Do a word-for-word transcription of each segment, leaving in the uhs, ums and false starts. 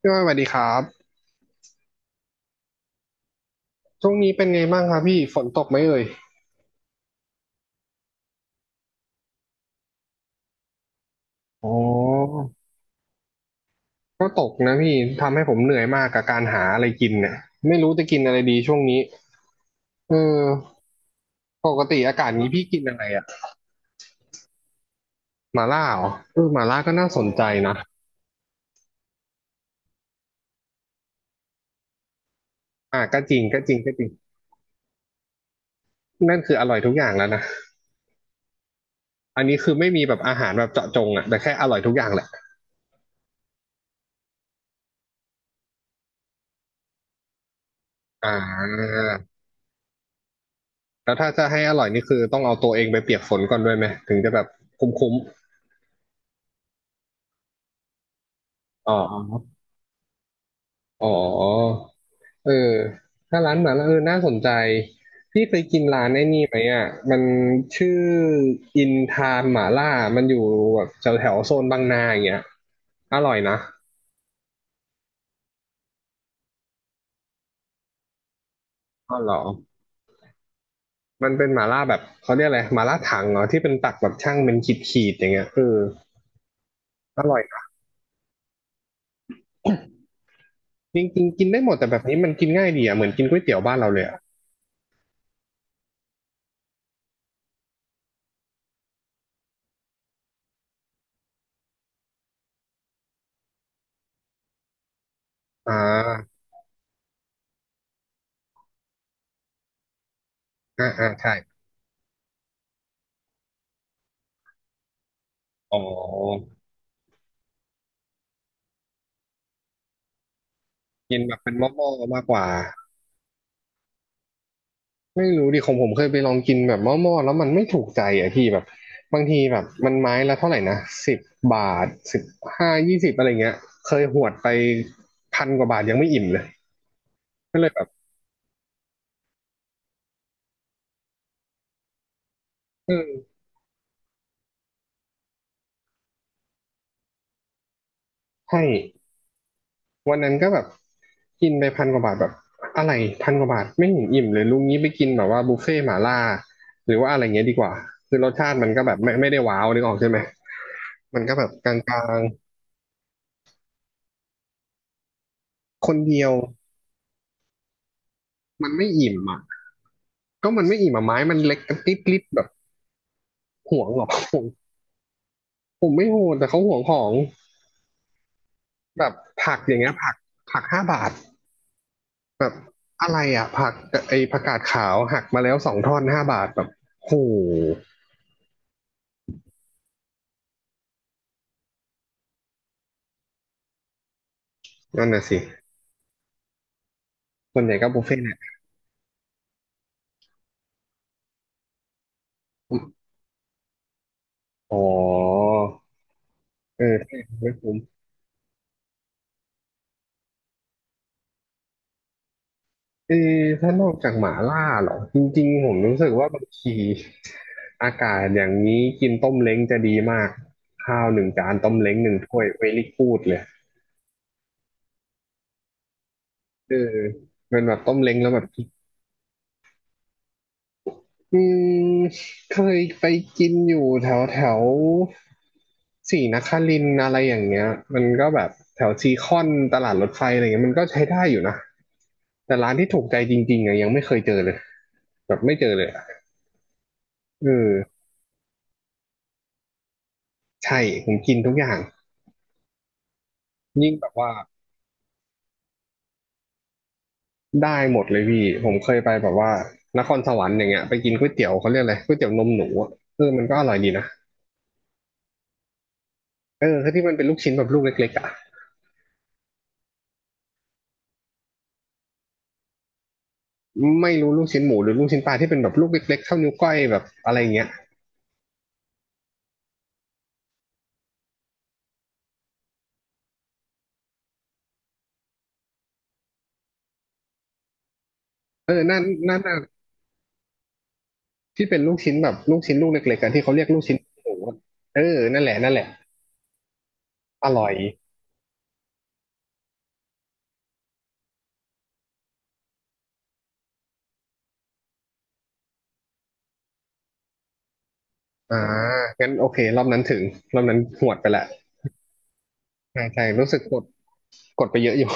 พี่ว่าสวัสดีครับช่วงนี้เป็นไงบ้างครับพี่ฝนตกไหมเอ่ยอ๋อก็ตกนะพี่ทำให้ผมเหนื่อยมากกับการหาอะไรกินเนี่ยไม่รู้จะกินอะไรดีช่วงนี้เออปกติอากาศนี้พี่กินอะไรอ่ะหมาล่าเหรอเออหมาล่าก็น่าสนใจนะอ่ะก็จริงก็จริงก็จริงนั่นคืออร่อยทุกอย่างแล้วนะอันนี้คือไม่มีแบบอาหารแบบเจาะจงอ่ะแต่แค่อร่อยทุกอย่างแหละอ่าแล้วถ้าจะให้อร่อยนี่คือต้องเอาตัวเองไปเปียกฝนก่อนด้วยไหมถึงจะแบบคุ้มๆอ๋ออ๋อ เออถ้าร้านหมาล่าเออน่าสนใจพี่เคยกินร้านไอ้นี่ไหมอ่ะมันชื่ออินทานหมาล่ามันอยู่แบบแถวแถวโซนบางนาอย่างเงี้ยอร่อยนะอ๋อเหรอมันเป็นหมาล่าแบบเขาเรียกอะไรหมาล่าถังเหรอที่เป็นตักแบบช่างเป็นขีดขีดอย่างเงี้ยเอออร่อยนะจริงจริงกินได้หมดแต่แบบนี้มันกินง่ายดีอ่ะเหมือนกินก๋วยเตี๋ยวบ้านเราเลยอ่ะอ่าอ่าอ่าใช่อ๋อกินแบบเป็นหม้อๆมากกว่า ไม่รู้ดิของผมเคยไปลองกินแบบหม้อๆแล้วมันไม่ถูกใจอ่ะพี่แบบบางทีแบบมันไม้ละเท่าไหร่นะสิบบาทสิบห้ายี่สิบอะไรเงี้ยเคยหวดไปพันกว่าบาทยังไม่อิ่มเลยก็เลยแบบเออให้วันนั้นก็แบบกินไปพันกว่าบาทแบบอะไรพันกว่าบาทไม่เห็นอิ่มเลยลุงนี้ไปกินแบบว่าบุฟเฟ่ต์หม่าล่าหรือว่าอะไรเงี้ยดีกว่าคือรสชาติมันก็แบบไม่ไม่ได้ว้าวนึกออกใช่ไหมมันก็แบบกลางๆคนเดียวมันไม่อิ่มอ่ะก็มันไม่อิ่มอ่ะไม้มันเล็กกระติ๊บๆแบบ ห่วงหรอผมผมไม่โหดแต่เขาห่วงของแบบผักอย่างเงี้ยผักผักห้าบาทแบบอะไรอ่ะผักไอผักกาดขาวหักมาแล้วสองท่อนห้าบาทแบบโหนั่นน่ะสิส่วนใหญ่ก็บุฟเฟ่ต์เนี่ยอ๋อเออใช่ไม่คุ้มเออถ้านอกจากหมาล่าเหรอจริงๆผมรู้สึกว่าบางทีอากาศอย่างนี้กินต้มเล้งจะดีมากข้าวหนึ่งจานต้มเล้งหนึ่งถ้วยเวล่กูดเลยเออเป็นแบบต้มเล้งแล้วแบบ อืมเคยไปกินอยู่แถวแถวศรีนครินทร์อะไรอย่างเงี้ยมันก็แบบแถวซีคอนตลาดรถไฟอะไรเงี้ยมันก็ใช้ได้อยู่นะแต่ร้านที่ถูกใจจริงๆอะยังไม่เคยเจอเลยแบบไม่เจอเลยอะเออใช่ผมกินทุกอย่างยิ่งแบบว่าได้หมดเลยพี่ผมเคยไปแบบว่านครสวรรค์อย่างเงี้ยไปกินก๋วยเตี๋ยวเขาเรียกอะไรก๋วยเตี๋ยวนมหนูอะเออมันก็อร่อยดีนะเออที่มันเป็นลูกชิ้นแบบลูกเล็กๆอ่ะ ไม่รู้ลูกชิ้นหมูหรือลูกชิ้นปลาที่เป็นแบบลูกเล็กๆเท่านิ้วก้อยแบบอะไราเงี้ยเออนั่นนั่นน่ะที่เป็นลูกชิ้นแบบลูกชิ้นลูกเล็กๆกันที่เขาเรียกลูกชิ้นหมูอะเออนั่นแหละนั่นแหละอร่อยอ่างั้นโอเครอบนั้นถึงรอบนั้นหวดไปละใช่ใช่รู้สึกกดกดไปเยอะอยู่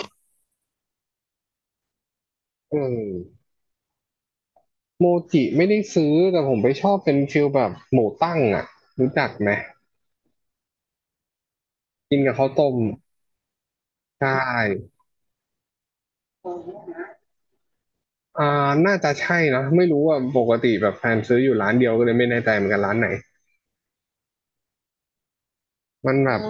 เออโมจิไม่ได้ซื้อแต่ผมไปชอบเป็นฟิลแบบหมูตั้งอ่ะรู้จักไหมกินกับข้าวต้มใช่อ่าน่าจะใช่นะไม่รู้ว่าปกติแบบแฟนซื้ออยู่ร้านเดียวก็เลยไม่แน่ใจเหมือนกันร้านไหน มันแบบ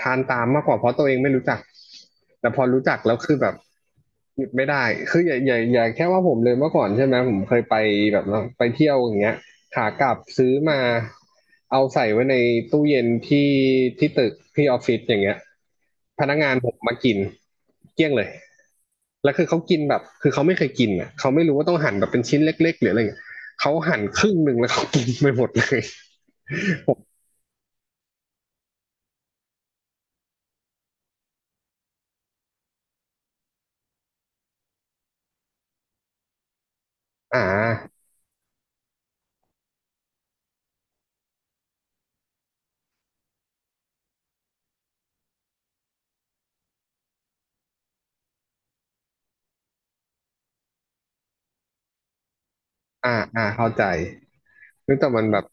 ทานตามมากกว่าเพราะตัวเองไม่รู้จักแต่พอรู้จักแล้วคือแบบหยุดไม่ได้คืออย่าอย่าอย่าแค่ว่าผมเลยเมื่อก่อนใช่ไหมผมเคยไปแบบว่าไปเที่ยวอย่างเงี้ยขากลับซื้อมาเอาใส่ไว้ในตู้เย็นที่ที่ตึกที่ออฟฟิศอย่างเงี้ยพนักงานผมมากินเกลี้ยงเลยแล้วคือเขากินแบบคือเขาไม่เคยกินอ่ะเขาไม่รู้ว่าต้องหั่นแบบเป็นชิ้นเล็กๆหรืออะไรเงี้ยเขาหั่นครึ่งหนึ่งแล้วเขากินไปหมดเลยอ่าอ่าอ่าเข้าใจ เฮ้ยแต่มันแบบ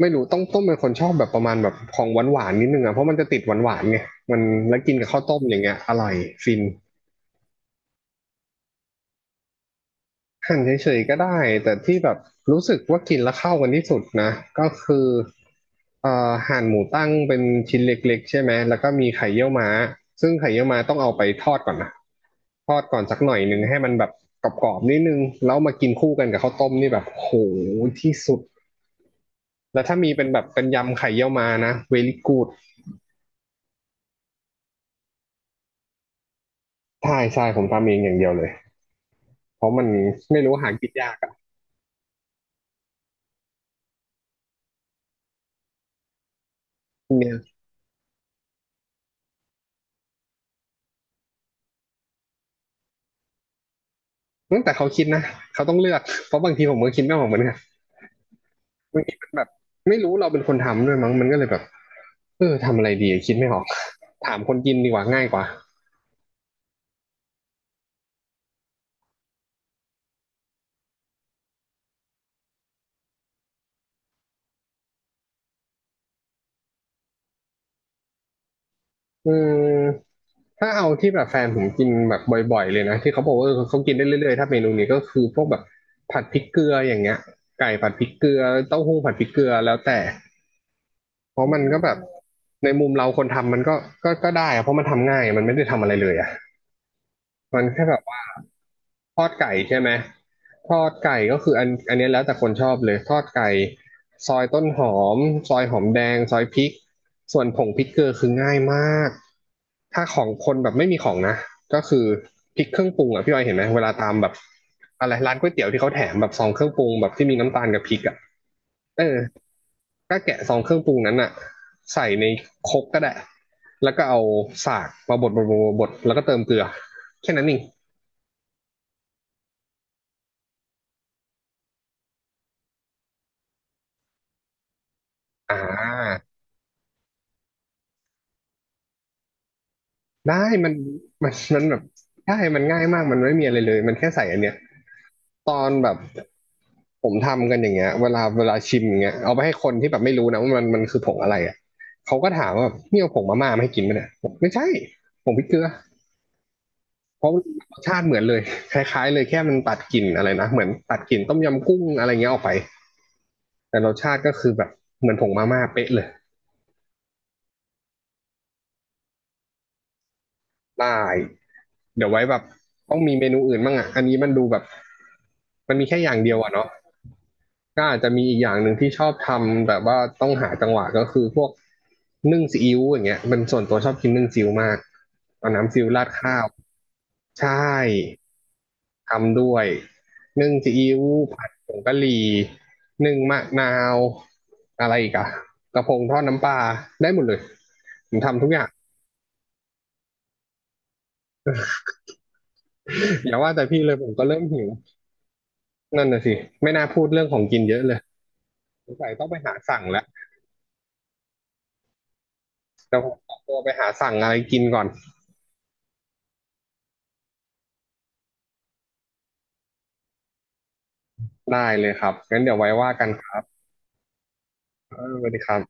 ไม่รู้ต้องต้มเป็นคนชอบแบบประมาณแบบของหวานๆนิดนึงอ่ะเพราะมันจะติดหวานๆไงมันแล้วกินกับข้าวต้มอย่างเงี้ยอร่อยฟินหั่นเฉยๆก็ได้แต่ที่แบบรู้สึกว่ากินแล้วเข้ากันที่สุดนะก็คือเอ่อหั่นหมูตั้งเป็นชิ้นเล็กๆใช่ไหมแล้วก็มีไข่เยี่ยวม้าซึ่งไข่เยี่ยวม้าต้องเอาไปทอดก่อนนะทอดก่อนสักหน่อยหนึ่งให้มันแบบกรอบๆนิดนึงแล้วมากินคู่กันกับข้าวต้มนี่แบบโหที่สุดแล้วถ้ามีเป็นแบบเป็นยำไข่เยี่ยวม้านะ เวรี่ กู๊ด ใช่ใช่ผมทำเองอย่างเดียวเลยเพราะมันไม่รู้หากินยากอะเนี่ยตั้งแต่เขาคิดนะเขาต้องเลือกเพราะบางทีผมก็คิดไม่ออกเหมือนกันบางทีมันแบบไม่รู้เราเป็นคนทำด้วยมั้งมันก็เลยแบบเออทำอะไรดีคิดไม่ออกถามคนกินดีกว่าง่ายกว่าอืมถ้าเอาที่แบบแฟนผมกินแบบบ่อยๆเลยนะที่เขาบอกว่าเออเขากินได้เรื่อยๆถ้าเมนูนี้ก็คือพวกแบบผัดพริกเกลืออย่างเงี้ยไก่ผัดพริกเกลือเต้าหู้ผัดพริกเกลือแล้วแต่ เพราะมันก็แบบในมุมเราคนทำมันก็ก็ก็ได้อะเพราะมันทำง่ายมันไม่ได้ทำอะไรเลยอะมันแค่แบบว่าทอดไก่ใช่ไหมทอดไก่ก็คืออันอันเนี้ยแล้วแต่คนชอบเลยทอดไก่ซอยต้นหอมซอยหอมแดงซอยพริกส่วนผงพริกเกลือคือง่ายมากถ้าของคนแบบไม่มีของนะก็คือพริกเครื่องปรุงอ่ะพี่ออยเห็นไหมเวลาตามแบบอะไรร้านก๋วยเตี๋ยวที่เขาแถมแบบซองเครื่องปรุงแบบที่มีน้ำตาลกับพริกอ่ะเออ ก็แกะซองเครื่องปรุงนั้นอะใส่ในครกก็ได้แล้วก็เอาสากมาบดบดบดบดแล้วก็เติมเกลือแค่นั้นเองอ่าได้มันมันมันแบบได้มันง่ายมากมันไม่มีอะไรเลยมันแค่ใส่อันเนี้ยตอนแบบผมทำกันอย่างเงี้ยเวลาเวลาชิมอย่างเงี้ยเอาไปให้คนที่แบบไม่รู้นะว่ามันมันคือผงอะไรอ่ะเขาก็ถามว่านี่เอาผงมาม่ามาให้กินไหมเนี่ยบอกไม่ใช่ผงพริกเกลือเพราะรสชาติเหมือนเลยคล้ายๆเลยแค่มันตัดกลิ่นอะไรนะเหมือนตัดกลิ่นต้มยำกุ้งอะไรเงี้ยออกไป แต่รสชาติก็คือแบบเหมือนผงมาม่าเป๊ะเลยได้เดี๋ยวไว้แบบต้องมีเมนูอื่นบ้างอ่ะ อันนี้มันดูแบบมันมีแค่อย่างเดียวอ่ะเนาะก็อาจจะมีอีกอย่างหนึ่งที่ชอบทำแต่ว่าต้องหาจังหวะก็คือพวกนึ่งซีอิ๊วอย่างเงี้ยมันส่วนตัวชอบกินนึ่งซีอิ๊วมากเอาน้ำซีอิ๊วราดข้าว ใช่ ทำด้วยนึ่งซีอิ๊วผัดผงกะหรี่นึ่งมะนาวอะไรอีกอะกระพงทอดน้ำปลาได้หมดเลยผมทำทุกอย่าง อย่าว่าแต่พี่เลยผมก็เริ่มหิวนั่นน่ะสิไม่น่าพูดเรื่องของกินเยอะเลยสงสัยต้องไปหาสั่งแล้วเดี๋ยวผมขอตัวไปหาสั่งอะไรกินก่อนได้เลยครับงั้นเดี๋ยวไว้ว่ากันครับเออสวัสดีครับ